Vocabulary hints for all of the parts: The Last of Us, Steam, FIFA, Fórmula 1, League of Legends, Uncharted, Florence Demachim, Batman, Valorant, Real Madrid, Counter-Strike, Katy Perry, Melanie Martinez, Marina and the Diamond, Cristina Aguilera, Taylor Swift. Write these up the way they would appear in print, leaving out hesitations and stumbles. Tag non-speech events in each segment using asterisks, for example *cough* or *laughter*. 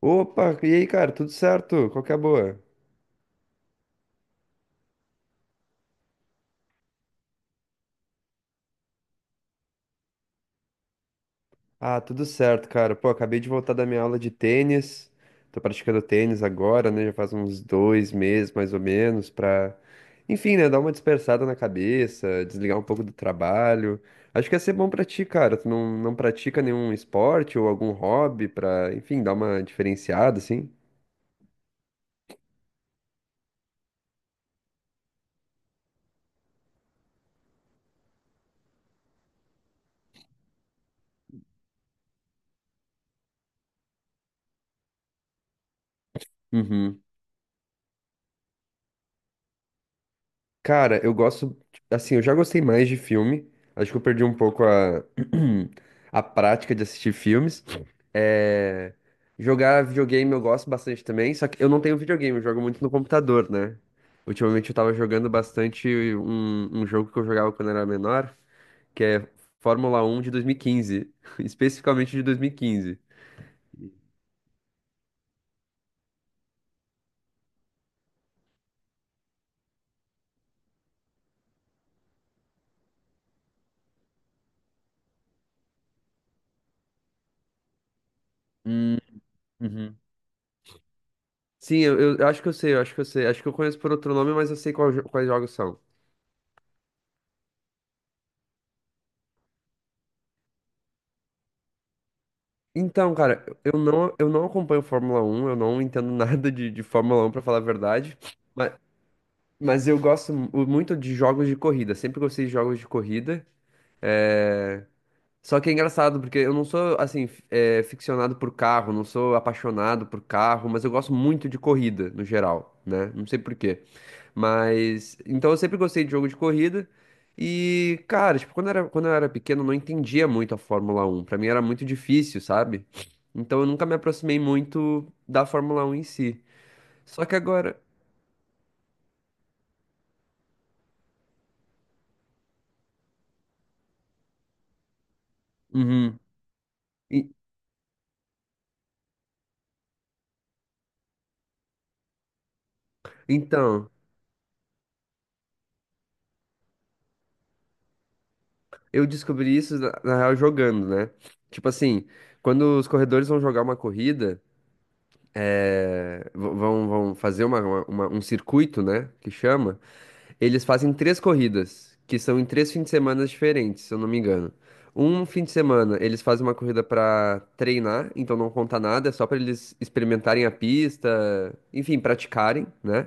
Opa, e aí, cara, tudo certo? Qual que é a boa? Ah, tudo certo, cara. Pô, acabei de voltar da minha aula de tênis. Tô praticando tênis agora, né? Já faz uns dois meses, mais ou menos, pra, enfim, né? Dar uma dispersada na cabeça, desligar um pouco do trabalho. Acho que ia ser bom pra ti, cara. Tu não pratica nenhum esporte ou algum hobby pra, enfim, dar uma diferenciada, assim? Uhum. Cara, eu gosto. Assim, eu já gostei mais de filme. Acho que eu perdi um pouco a, *clears throat* a prática de assistir filmes. É, jogar videogame eu gosto bastante também, só que eu não tenho videogame, eu jogo muito no computador, né? Ultimamente eu tava jogando bastante um jogo que eu jogava quando era menor, que é Fórmula 1 de 2015, *laughs* especificamente de 2015. Hum, uhum. Sim, eu acho que eu sei, eu acho que eu sei. Acho que eu conheço por outro nome, mas eu sei quais jogos são. Então, cara, eu não acompanho Fórmula 1, eu não entendo *laughs* nada de, de Fórmula 1, pra falar a verdade. Mas, Mas eu gosto muito de jogos de corrida. Sempre gostei de jogos de corrida. É... Só que é engraçado, porque eu não sou, assim, ficcionado por carro, não sou apaixonado por carro, mas eu gosto muito de corrida, no geral, né? Não sei por quê. Mas. Então eu sempre gostei de jogo de corrida. E, cara, tipo, quando eu era pequeno, eu não entendia muito a Fórmula Um. Pra mim era muito difícil, sabe? Então eu nunca me aproximei muito da Fórmula Um em si. Só que agora. Uhum. E- Então. Eu descobri isso, na real, jogando, né? Tipo assim, quando os corredores vão jogar uma corrida, vão fazer um circuito, né? Que chama, eles fazem três corridas, que são em três fins de semana diferentes, se eu não me engano. Um fim de semana, eles fazem uma corrida pra treinar, então não conta nada, é só pra eles experimentarem a pista, enfim, praticarem, né?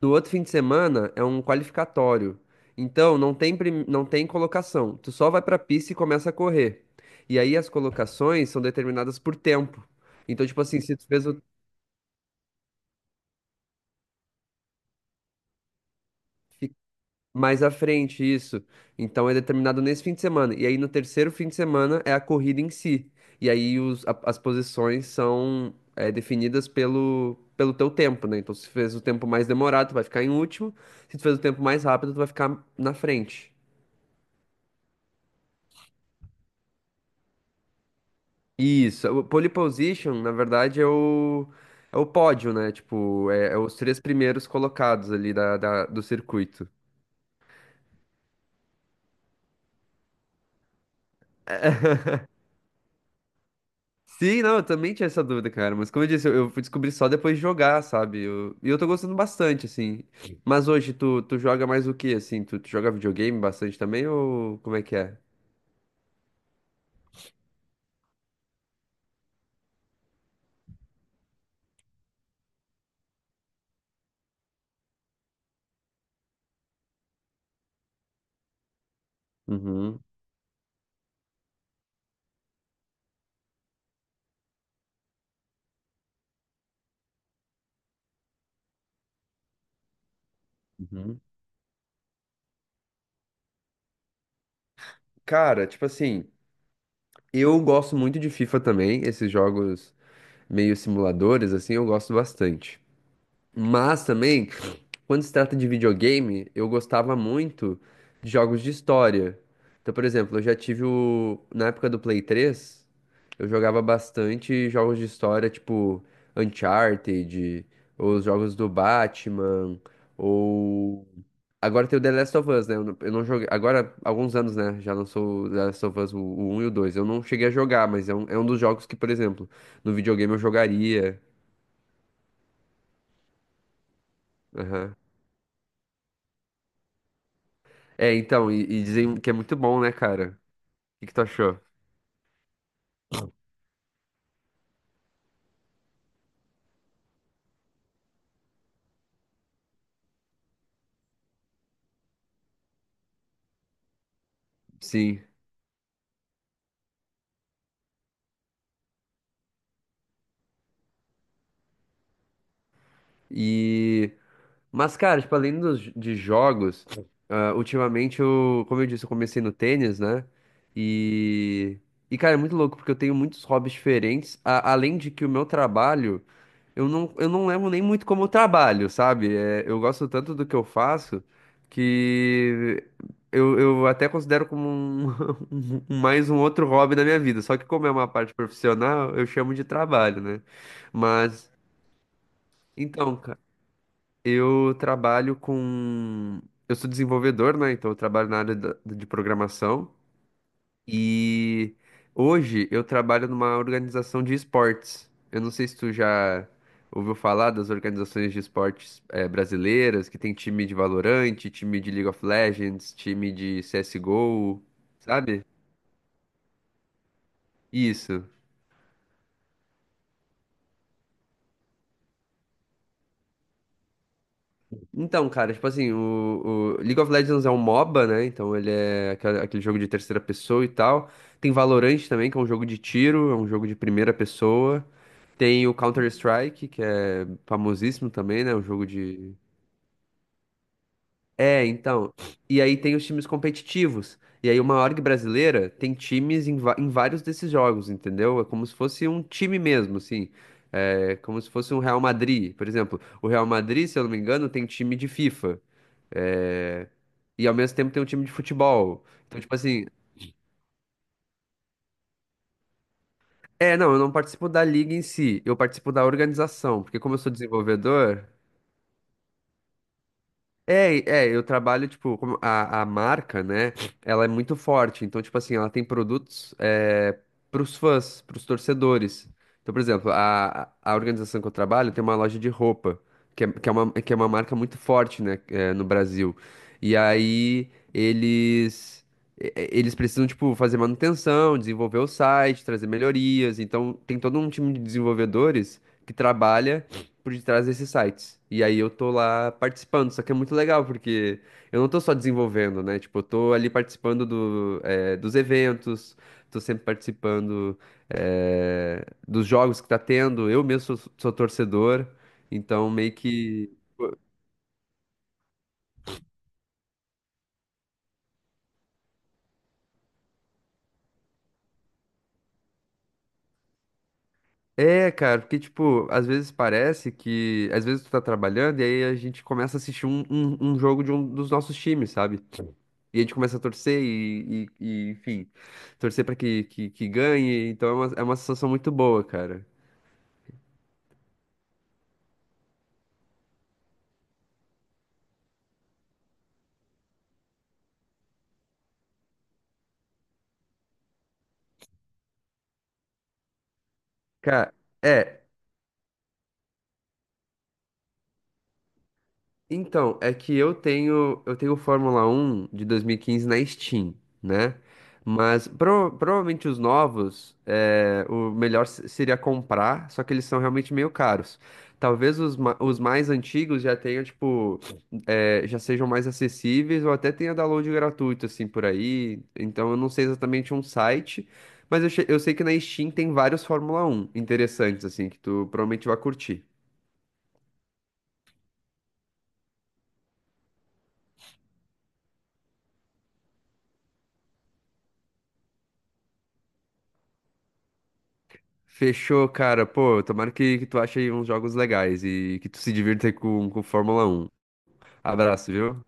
No outro fim de semana é um qualificatório. Então não tem, não tem colocação. Tu só vai pra pista e começa a correr. E aí as colocações são determinadas por tempo. Então, tipo assim, se tu fez o... fi- Mais à frente isso, então é determinado nesse fim de semana. E aí no terceiro fim de semana é a corrida em si. E aí as posições são definidas pelo teu tempo, né? Então, se tu fez o tempo mais demorado, tu vai ficar em último. Se tu fez o tempo mais rápido, tu vai ficar na frente. Isso, o pole position, na verdade, é o pódio, né? Tipo, é os três primeiros colocados ali da do circuito. *laughs* Sim, não, eu também tinha essa dúvida, cara. Mas como eu disse, eu fui descobrir só depois de jogar, sabe? E eu tô gostando bastante, assim. Mas hoje, tu joga mais o quê, assim? Tu joga videogame bastante também ou como é que é? Uhum, uhum. Cara, tipo assim, eu gosto muito de FIFA também, esses jogos meio simuladores, assim, eu gosto bastante. Mas também, quando se trata de videogame, eu gostava muito de jogos de história. Então, por exemplo, eu já tive o... Na época do Play 3, eu jogava bastante jogos de história, tipo Uncharted, ou os jogos do Batman, ou... Agora tem o The Last of Us, né? Eu não joguei... Agora, há alguns anos, né? Já lançou o The Last of Us, o 1 e o 2. Eu não cheguei a jogar, mas é um dos jogos que, por exemplo, no videogame eu jogaria. Aham. É, então, e dizem que é muito bom, né, cara? O que que tu achou? Sim. E. Mas, cara, tipo, além dos, de jogos, ultimamente eu, como eu disse, eu comecei no tênis, né? E. E, cara, é muito louco, porque eu tenho muitos hobbies diferentes. Além de que o meu trabalho, eu não levo nem muito como trabalho, sabe? É, eu gosto tanto do que eu faço que eu até considero como um, *laughs* mais um outro hobby da minha vida. Só que como é uma parte profissional, eu chamo de trabalho, né? Mas. Então, cara, eu trabalho com. Eu sou desenvolvedor, né? Então eu trabalho na área de programação. E hoje eu trabalho numa organização de esportes. Eu não sei se tu já ouviu falar das organizações de esportes brasileiras, que tem time de Valorant, time de League of Legends, time de CSGO, sabe? Isso. Então, cara, tipo assim, o League of Legends é um MOBA, né? Então ele é aquele jogo de terceira pessoa e tal. Tem Valorant também, que é um jogo de tiro, é um jogo de primeira pessoa. Tem o Counter-Strike, que é famosíssimo também, né? Um jogo de. É, então. E aí tem os times competitivos. E aí uma org brasileira tem times em, em vários desses jogos, entendeu? É como se fosse um time mesmo, assim. É como se fosse um Real Madrid, por exemplo. O Real Madrid, se eu não me engano, tem time de FIFA. É, e ao mesmo tempo tem um time de futebol. Então, tipo assim, não, eu não participo da liga em si, eu participo da organização, porque como eu sou desenvolvedor, É, eu trabalho, tipo, como a marca, né? Ela é muito forte. Então, tipo assim, ela tem produtos pros fãs, pros torcedores. Então, por exemplo, a organização que eu trabalho tem uma loja de roupa, que é uma marca muito forte, né, no Brasil. E aí eles, eles precisam, tipo, fazer manutenção, desenvolver o site, trazer melhorias. Então, tem todo um time de desenvolvedores que trabalha por detrás desses sites. E aí eu tô lá participando, só que é muito legal, porque eu não tô só desenvolvendo, né? Tipo, eu tô ali participando do, dos eventos, tô sempre participando, dos jogos que tá tendo. Eu mesmo sou torcedor, então meio que. É, cara, porque, tipo, às vezes parece que. Às vezes tu tá trabalhando e aí a gente começa a assistir um jogo de um dos nossos times, sabe? E a gente começa a torcer e, enfim, torcer pra que ganhe. Então é uma sensação muito boa, cara. Cara, é, então, é que eu tenho o Fórmula 1 de 2015 na Steam, né? Mas provavelmente os novos, o melhor seria comprar, só que eles são realmente meio caros. Talvez os, os mais antigos já tenham, tipo, já sejam mais acessíveis ou até tenha download gratuito, assim, por aí. Então eu não sei exatamente um site, mas eu sei que na Steam tem vários Fórmula 1 interessantes, assim, que tu provavelmente vai curtir. Fechou, cara. Pô, tomara que tu ache aí uns jogos legais e que tu se divirta aí com Fórmula Um. Abraço, viu?